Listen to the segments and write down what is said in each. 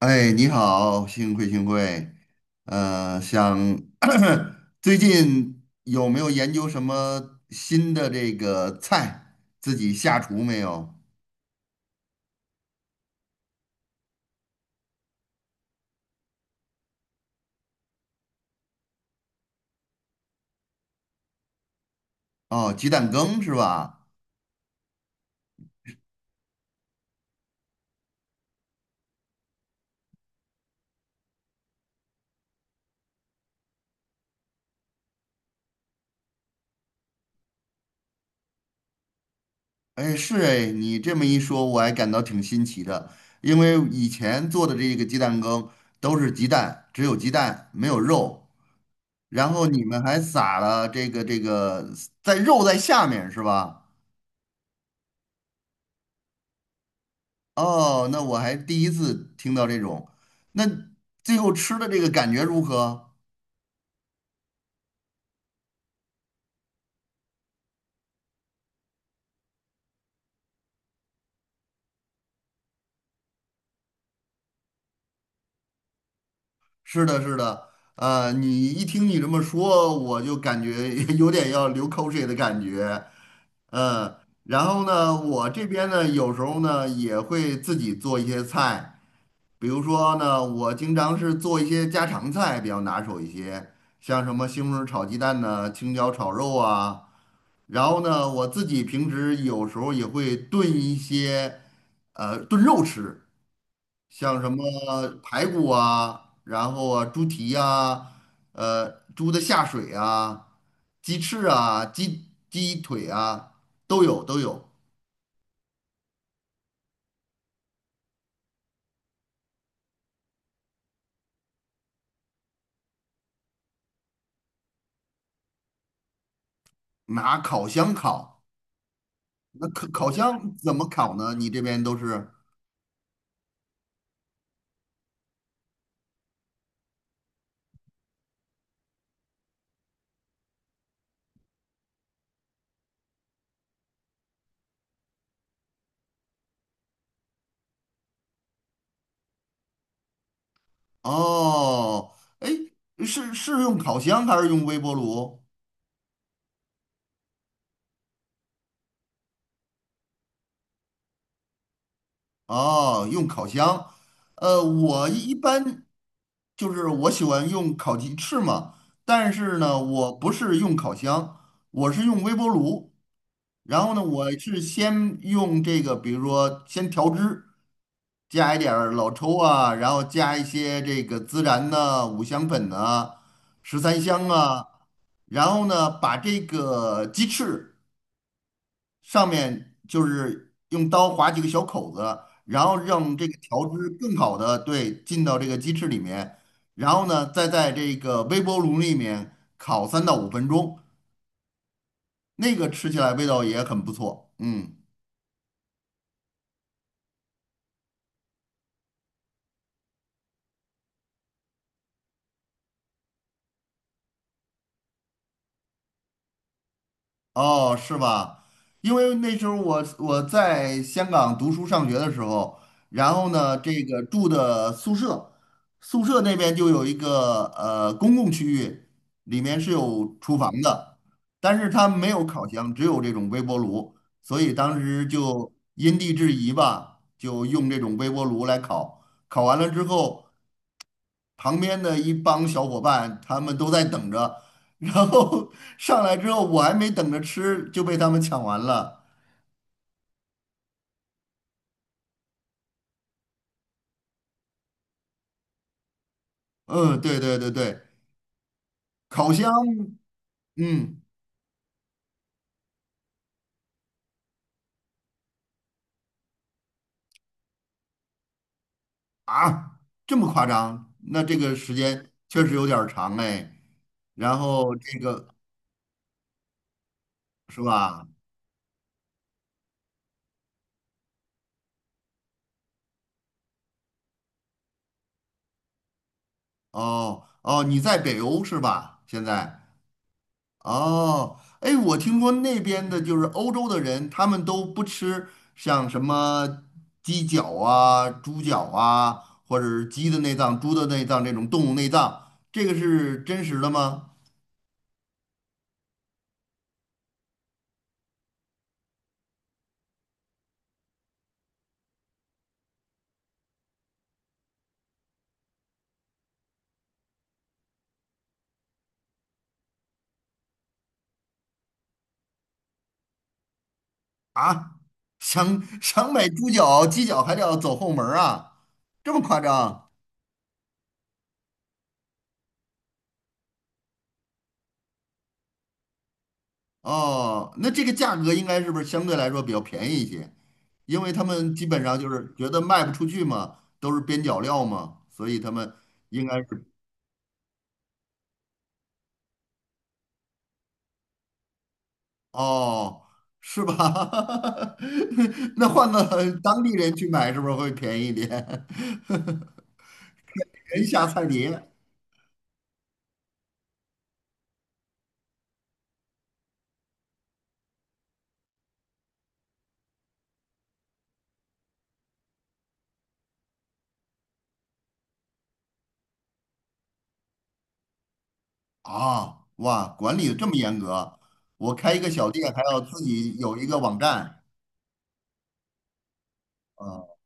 哎，你好，幸会幸会。呃，想 最近有没有研究什么新的这个菜，自己下厨没有？哦，鸡蛋羹是吧？哎，是哎，你这么一说，我还感到挺新奇的，因为以前做的这个鸡蛋羹都是鸡蛋，只有鸡蛋没有肉，然后你们还撒了这个在肉在下面是吧？哦，那我还第一次听到这种。那最后吃的这个感觉如何？是的，是的，你一听你这么说，我就感觉 有点要流口水的感觉。嗯，然后呢，我这边呢，有时候呢也会自己做一些菜，比如说呢，我经常是做一些家常菜比较拿手一些，像什么西红柿炒鸡蛋呢、青椒炒肉啊。然后呢，我自己平时有时候也会炖一些，炖肉吃，像什么排骨啊，然后啊，猪蹄呀，呃，猪的下水啊，鸡翅啊，鸡腿啊，都有都有，拿烤箱烤。那烤烤箱怎么烤呢？你这边都是？哦，哎，是是用烤箱还是用微波炉？哦，用烤箱，我一般就是我喜欢用烤鸡翅嘛，但是呢，我不是用烤箱，我是用微波炉。然后呢，我是先用这个，比如说先调汁，加一点儿老抽啊，然后加一些这个孜然呐、五香粉呐、十三香啊，然后呢，把这个鸡翅。上面就是用刀划几个小口子，然后让这个调汁更好的对进到这个鸡翅里面，然后呢，再在这个微波炉里面烤三到五分钟，那个吃起来味道也很不错。嗯，哦，是吧？因为那时候我在香港读书上学的时候，然后呢，这个住的宿舍，宿舍那边就有一个公共区域，里面是有厨房的，但是它没有烤箱，只有这种微波炉，所以当时就因地制宜吧，就用这种微波炉来烤。烤完了之后，旁边的一帮小伙伴，他们都在等着，然后 上来之后，我还没等着吃就被他们抢完了。嗯，对对对对，烤箱，嗯啊，这么夸张？那这个时间确实有点儿长哎。然后这个是吧？哦哦，你在北欧是吧？现在。哦，哎，我听说那边的就是欧洲的人，他们都不吃像什么鸡脚啊、猪脚啊，或者是鸡的内脏、猪的内脏这种动物内脏，这个是真实的吗？啊，想想买猪脚、鸡脚还得要走后门儿啊，这么夸张？哦，那这个价格应该是不是相对来说比较便宜一些？因为他们基本上就是觉得卖不出去嘛，都是边角料嘛，所以他们应该是。哦，是吧？那换个当地人去买，是不是会便宜一点？人下菜碟啊，哇，管理的这么严格，我开一个小店还要自己有一个网站啊，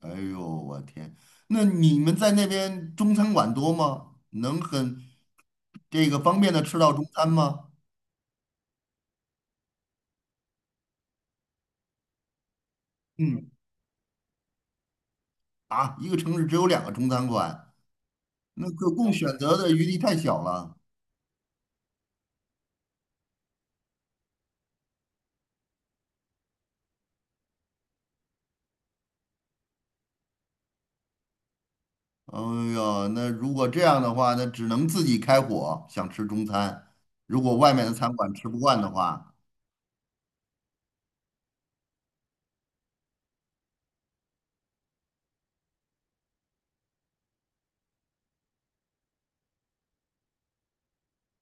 哎呦，我天，那你们在那边中餐馆多吗？能很这个方便的吃到中餐吗？嗯，啊，一个城市只有两个中餐馆，那可供选择的余地太小了。哎呦，那如果这样的话，那只能自己开火，想吃中餐。如果外面的餐馆吃不惯的话，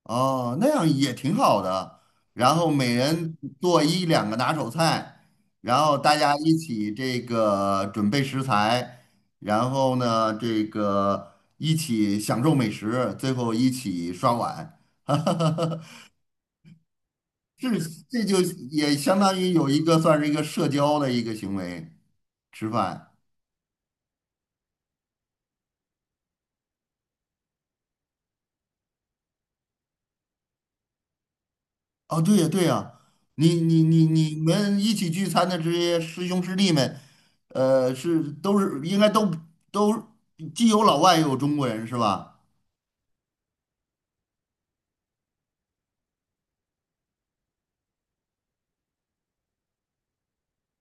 哦，那样也挺好的。然后每人做一两个拿手菜，然后大家一起这个准备食材，然后呢，这个一起享受美食，最后一起刷碗。这这就也相当于有一个算是一个社交的一个行为，吃饭。哦，对呀，对呀，你们一起聚餐的这些师兄师弟们，是都是应该都既有老外也有中国人是吧？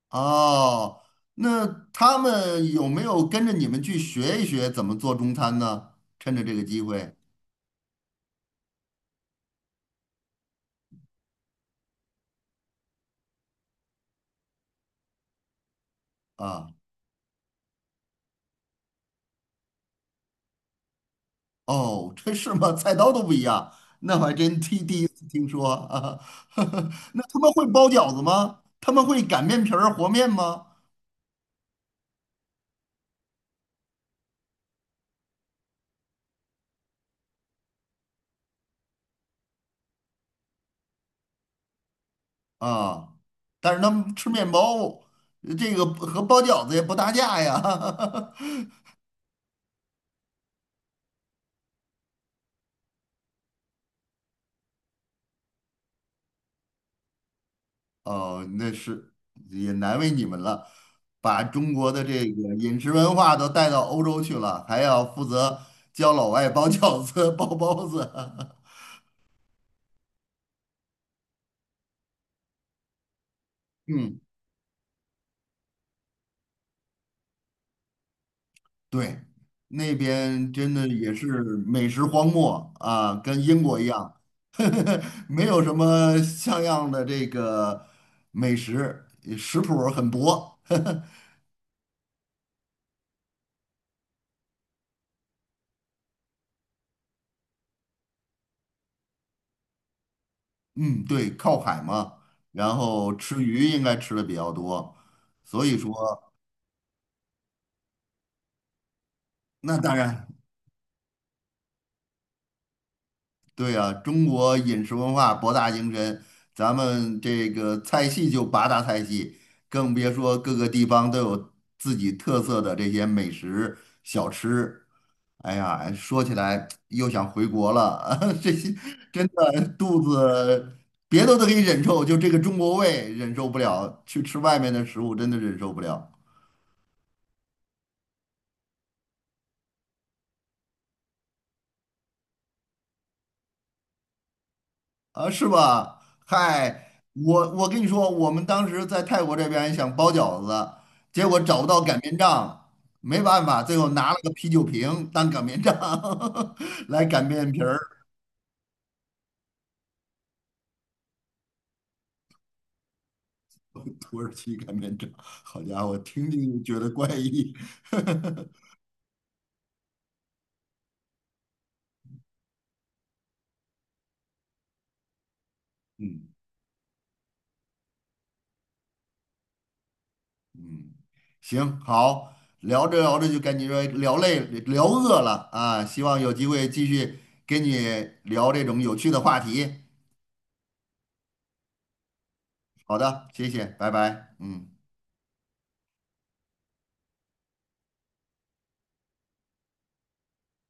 哦，那他们有没有跟着你们去学一学怎么做中餐呢？趁着这个机会啊，哦，这是吗？菜刀都不一样，那我还真第一次听说啊。那他们会包饺子吗？他们会擀面皮儿和面吗？啊，但是他们吃面包，这个和包饺子也不搭架呀。哦，那是也难为你们了，把中国的这个饮食文化都带到欧洲去了，还要负责教老外包饺子、包包子。嗯，对，那边真的也是美食荒漠啊，跟英国一样，没有什么像样的这个美食，食谱儿很薄。嗯，对，靠海嘛，然后吃鱼应该吃的比较多，所以说那当然对啊，中国饮食文化博大精深，咱们这个菜系就八大菜系，更别说各个地方都有自己特色的这些美食小吃。哎呀，说起来又想回国了，这些真的肚子别的都可以忍受，就这个中国胃忍受不了，去吃外面的食物真的忍受不了。啊，是吧？嗨，我跟你说，我们当时在泰国这边想包饺子，结果找不到擀面杖，没办法，最后拿了个啤酒瓶当擀面杖 来擀面皮儿，土耳其擀面杖。好家伙，听听就觉得怪异。嗯嗯，行，好，聊着聊着就感觉聊累了，聊饿了啊，希望有机会继续跟你聊这种有趣的话题。好的，谢谢，拜拜，嗯。